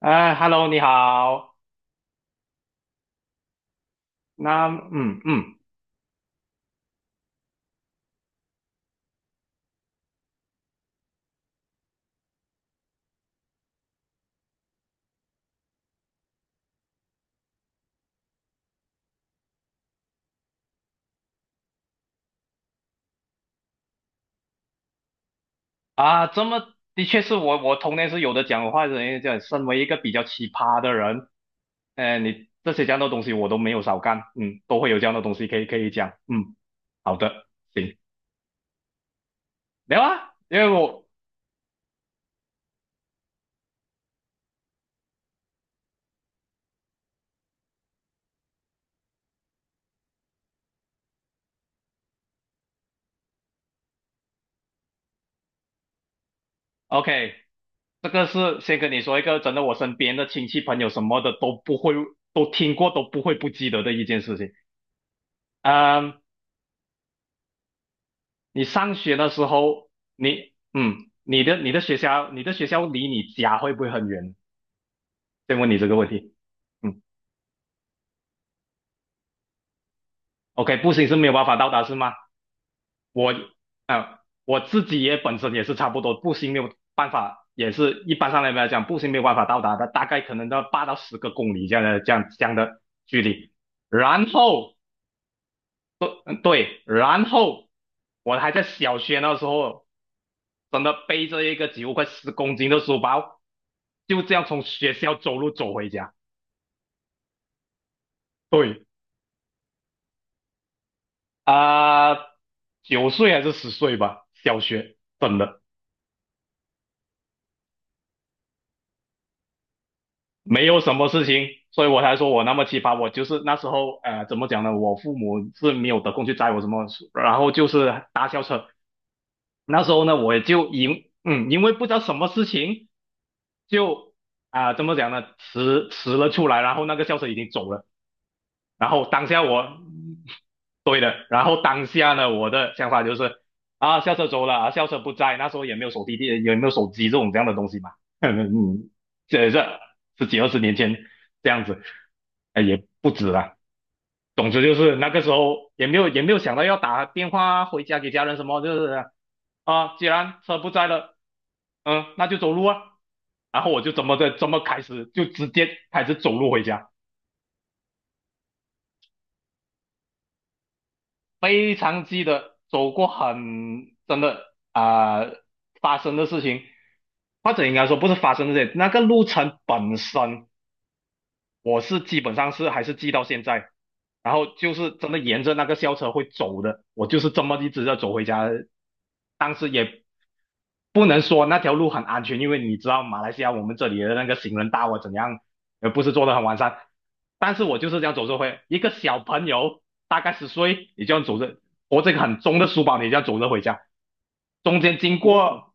哎，Hello，你好。那，嗯嗯，啊，的确是我童年是有的讲话的人，讲身为一个比较奇葩的人，哎，你这样的东西我都没有少干，嗯，都会有这样的东西可以讲，嗯，好的，行，没有啊，因为OK，这个是先跟你说一个真的，我身边的亲戚朋友什么的都不会，都听过，都不会不记得的一件事情，嗯你上学的时候，你嗯，你的学校，你的学校离你家会不会很远？先问你这个问题。嗯，OK，步行是没有办法到达是吗？我啊、我自己也本身也是差不多，步行没有办法，也是一般上来讲，步行没有办法到达的，大概可能到八到十个公里这样的距离。然后对，然后我还在小学那时候，真的背着一个几乎快十公斤的书包，就这样从学校走路走回家。对啊，九岁还是十岁吧，小学真的没有什么事情，所以我才说我那么奇葩。我就是那时候，怎么讲呢？我父母是没有得空去载我什么，然后就是搭校车，那时候呢，我也就因为不知道什么事情，就怎么讲呢，迟迟了出来，然后那个校车已经走了，然后当下对的，然后当下呢，我的想法就是啊，校车走了啊，校车不在，那时候也没有手机电，也没有手机这种这样的东西嘛，嗯，这十几二十年前这样子，哎，也不止了。总之就是那个时候也没有想到要打电话回家给家人什么，就是啊，既然车不在了，嗯，那就走路啊。然后我就这么开始，就直接开始走路回家，非常记得走过很真的啊、发生的事情，或者应该说不是发生的事情，那个路程本身我是基本上是还是记到现在，然后就是真的沿着那个校车会走的，我就是这么一直在走回家的。当时也不能说那条路很安全，因为你知道马来西亚我们这里的那个行人道啊怎样，不是做的很完善，但是我就是这样走着回，一个小朋友大概十岁，你这样走着，拖着一个很重的书包，你这样走着回家，中间经过，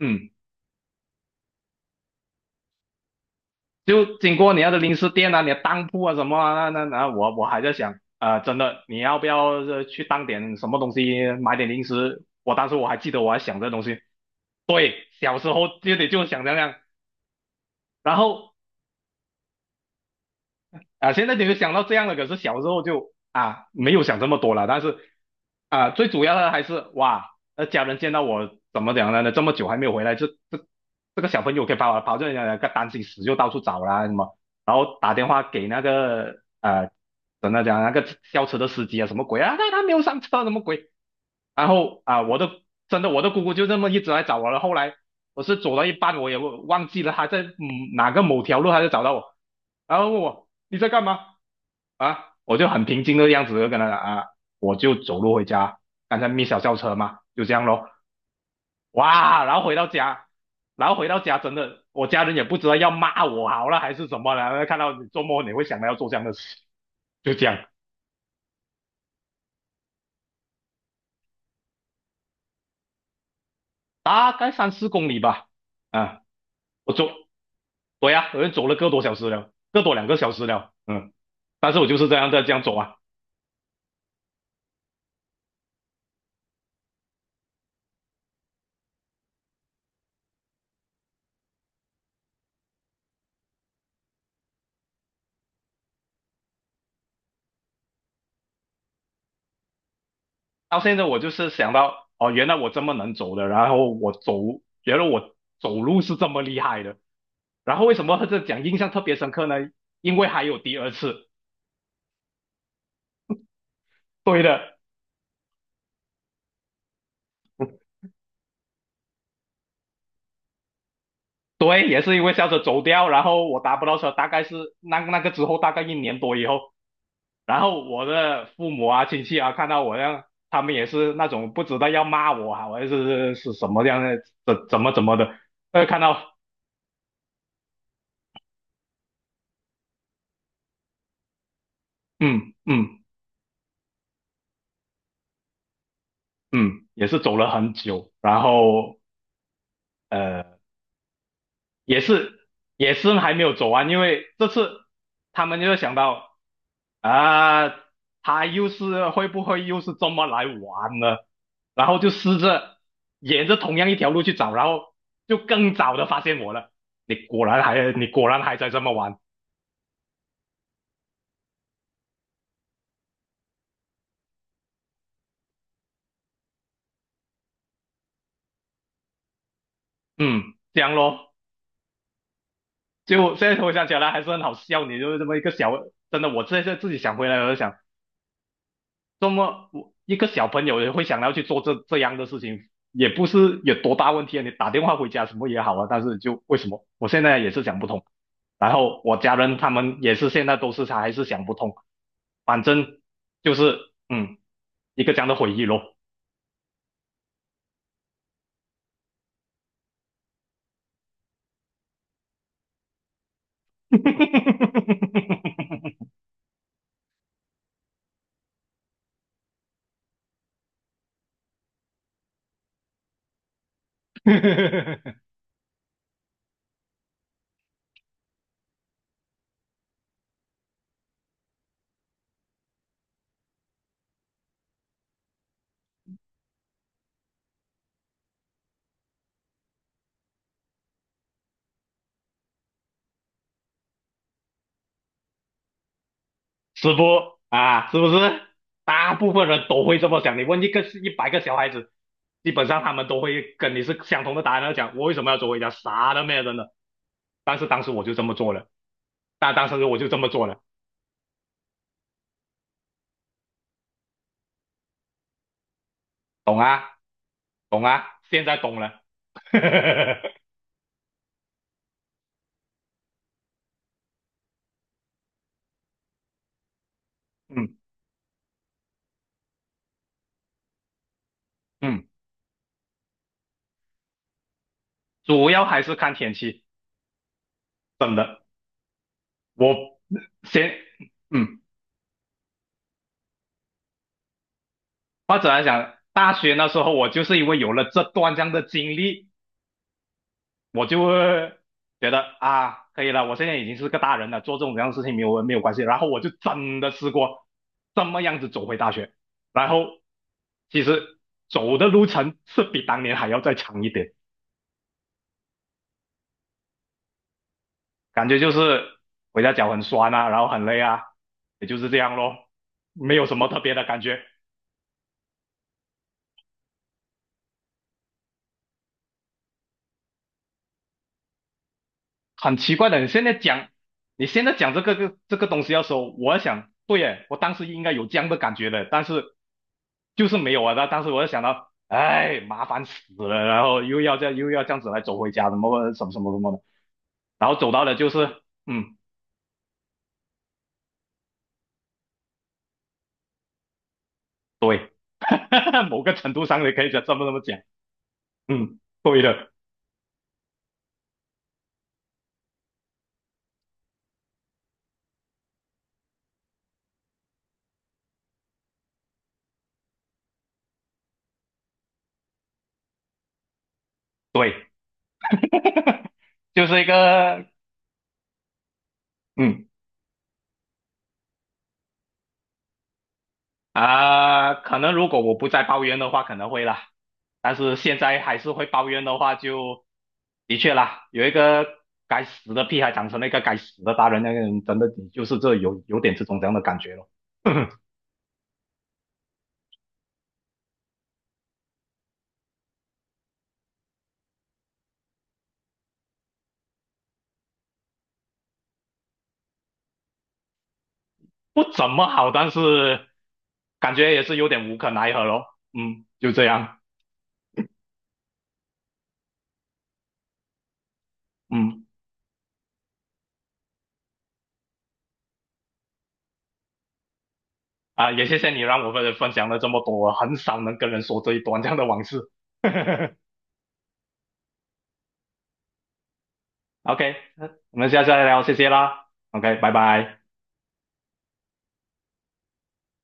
嗯。就经过你要的零食店啊，你的当铺啊什么啊，那我还在想，啊，真的你要不要去当点什么东西，买点零食？我当时还记得我还想这东西，对，小时候就得就想这样，然后现在你就想到这样了，可是小时候就没有想这么多了，但是最主要的还是哇，那家人见到我怎么讲呢？这么久还没有回来，这个小朋友可以把我跑这人家担心死，就到处找啦什么。然后打电话给那个真的讲那个校车的司机啊，什么鬼啊？他没有上车，什么鬼？然后我的姑姑就这么一直来找我了。后来我是走到一半，我也忘记了她在哪个某条路，她就找到我，然后问我你在干嘛啊？我就很平静的样子就跟她讲啊，我就走路回家，刚才 小校车嘛，就这样咯。哇，然后回到家真的，我家人也不知道要骂我好了还是什么了，看到你做梦你会想到要做这样的事，就这样。大概三四公里吧。啊，我走，对呀、我就走了个多小时了，个多两个小时了。嗯，但是我就是这样在这样走啊。到现在我就是想到，哦，原来我这么能走的，然后我走，觉得我走路是这么厉害的。然后为什么这讲印象特别深刻呢？因为还有第二次。对的，对，也是因为校车走掉，然后我打不到车，大概是那个之后大概一年多以后，然后我的父母啊、亲戚啊，看到我这样，他们也是那种不知道要骂我啊，还是是什么样的，怎么的，看到，嗯嗯嗯，也是走了很久，然后呃，也是也是还没有走完，因为这次他们就想到啊、他又是会不会又是这么来玩呢？然后就试着沿着同样一条路去找，然后就更早的发现我了。你果然还在这么玩，嗯，这样咯。就现在回想起来还是很好笑，你就是这么一个小，真的，我现在自己想回来，我就想，这么我一个小朋友也会想要去做这样的事情，也不是有多大问题啊。你打电话回家什么也好啊，但是就为什么我现在也是想不通。然后我家人他们也是现在都是还是想不通，反正就是嗯，一个这样的回忆咯。师傅啊，是不是？大部分人都会这么想。你问一个一百个小孩子，基本上他们都会跟你是相同的答案。讲我为什么要做回家？啥都没有真的。但是当时我就这么做了，但当时我就这么做了，懂啊，懂啊，现在懂了。嗯嗯，主要还是看天气。真的，我先嗯，或者来讲，大学那时候我就是因为有了这段这样的经历，我就会觉得啊，可以了，我现在已经是个大人了，做这种这样的事情没有关系。然后我就真的试过这么样子走回大学，然后其实走的路程是比当年还要再长一点，感觉就是回家脚很酸啊，然后很累啊，也就是这样咯，没有什么特别的感觉。很奇怪的，你现在讲这个个这个东西要说，我在想，对耶，我当时应该有这样的感觉的，但是就是没有啊。那当时我就想到，哎，麻烦死了，然后又要这样又要这样子来走回家，什么什么什么什么的，然后走到的就是，嗯，对，某个程度上你可以这么讲，嗯，对的，对，就是一个，嗯。可能如果我不再抱怨的话，可能会啦。但是现在还是会抱怨的话就，的确啦，有一个该死的屁孩长成了一个该死的大人，那个人真的你就是这有点这种这样的感觉咯，不怎么好，但是感觉也是有点无可奈何咯。嗯，就这样。嗯，也谢谢你让我们分享了这么多，我很少能跟人说这一段这样的往事。OK，我们下次再聊，谢谢啦。OK，拜拜。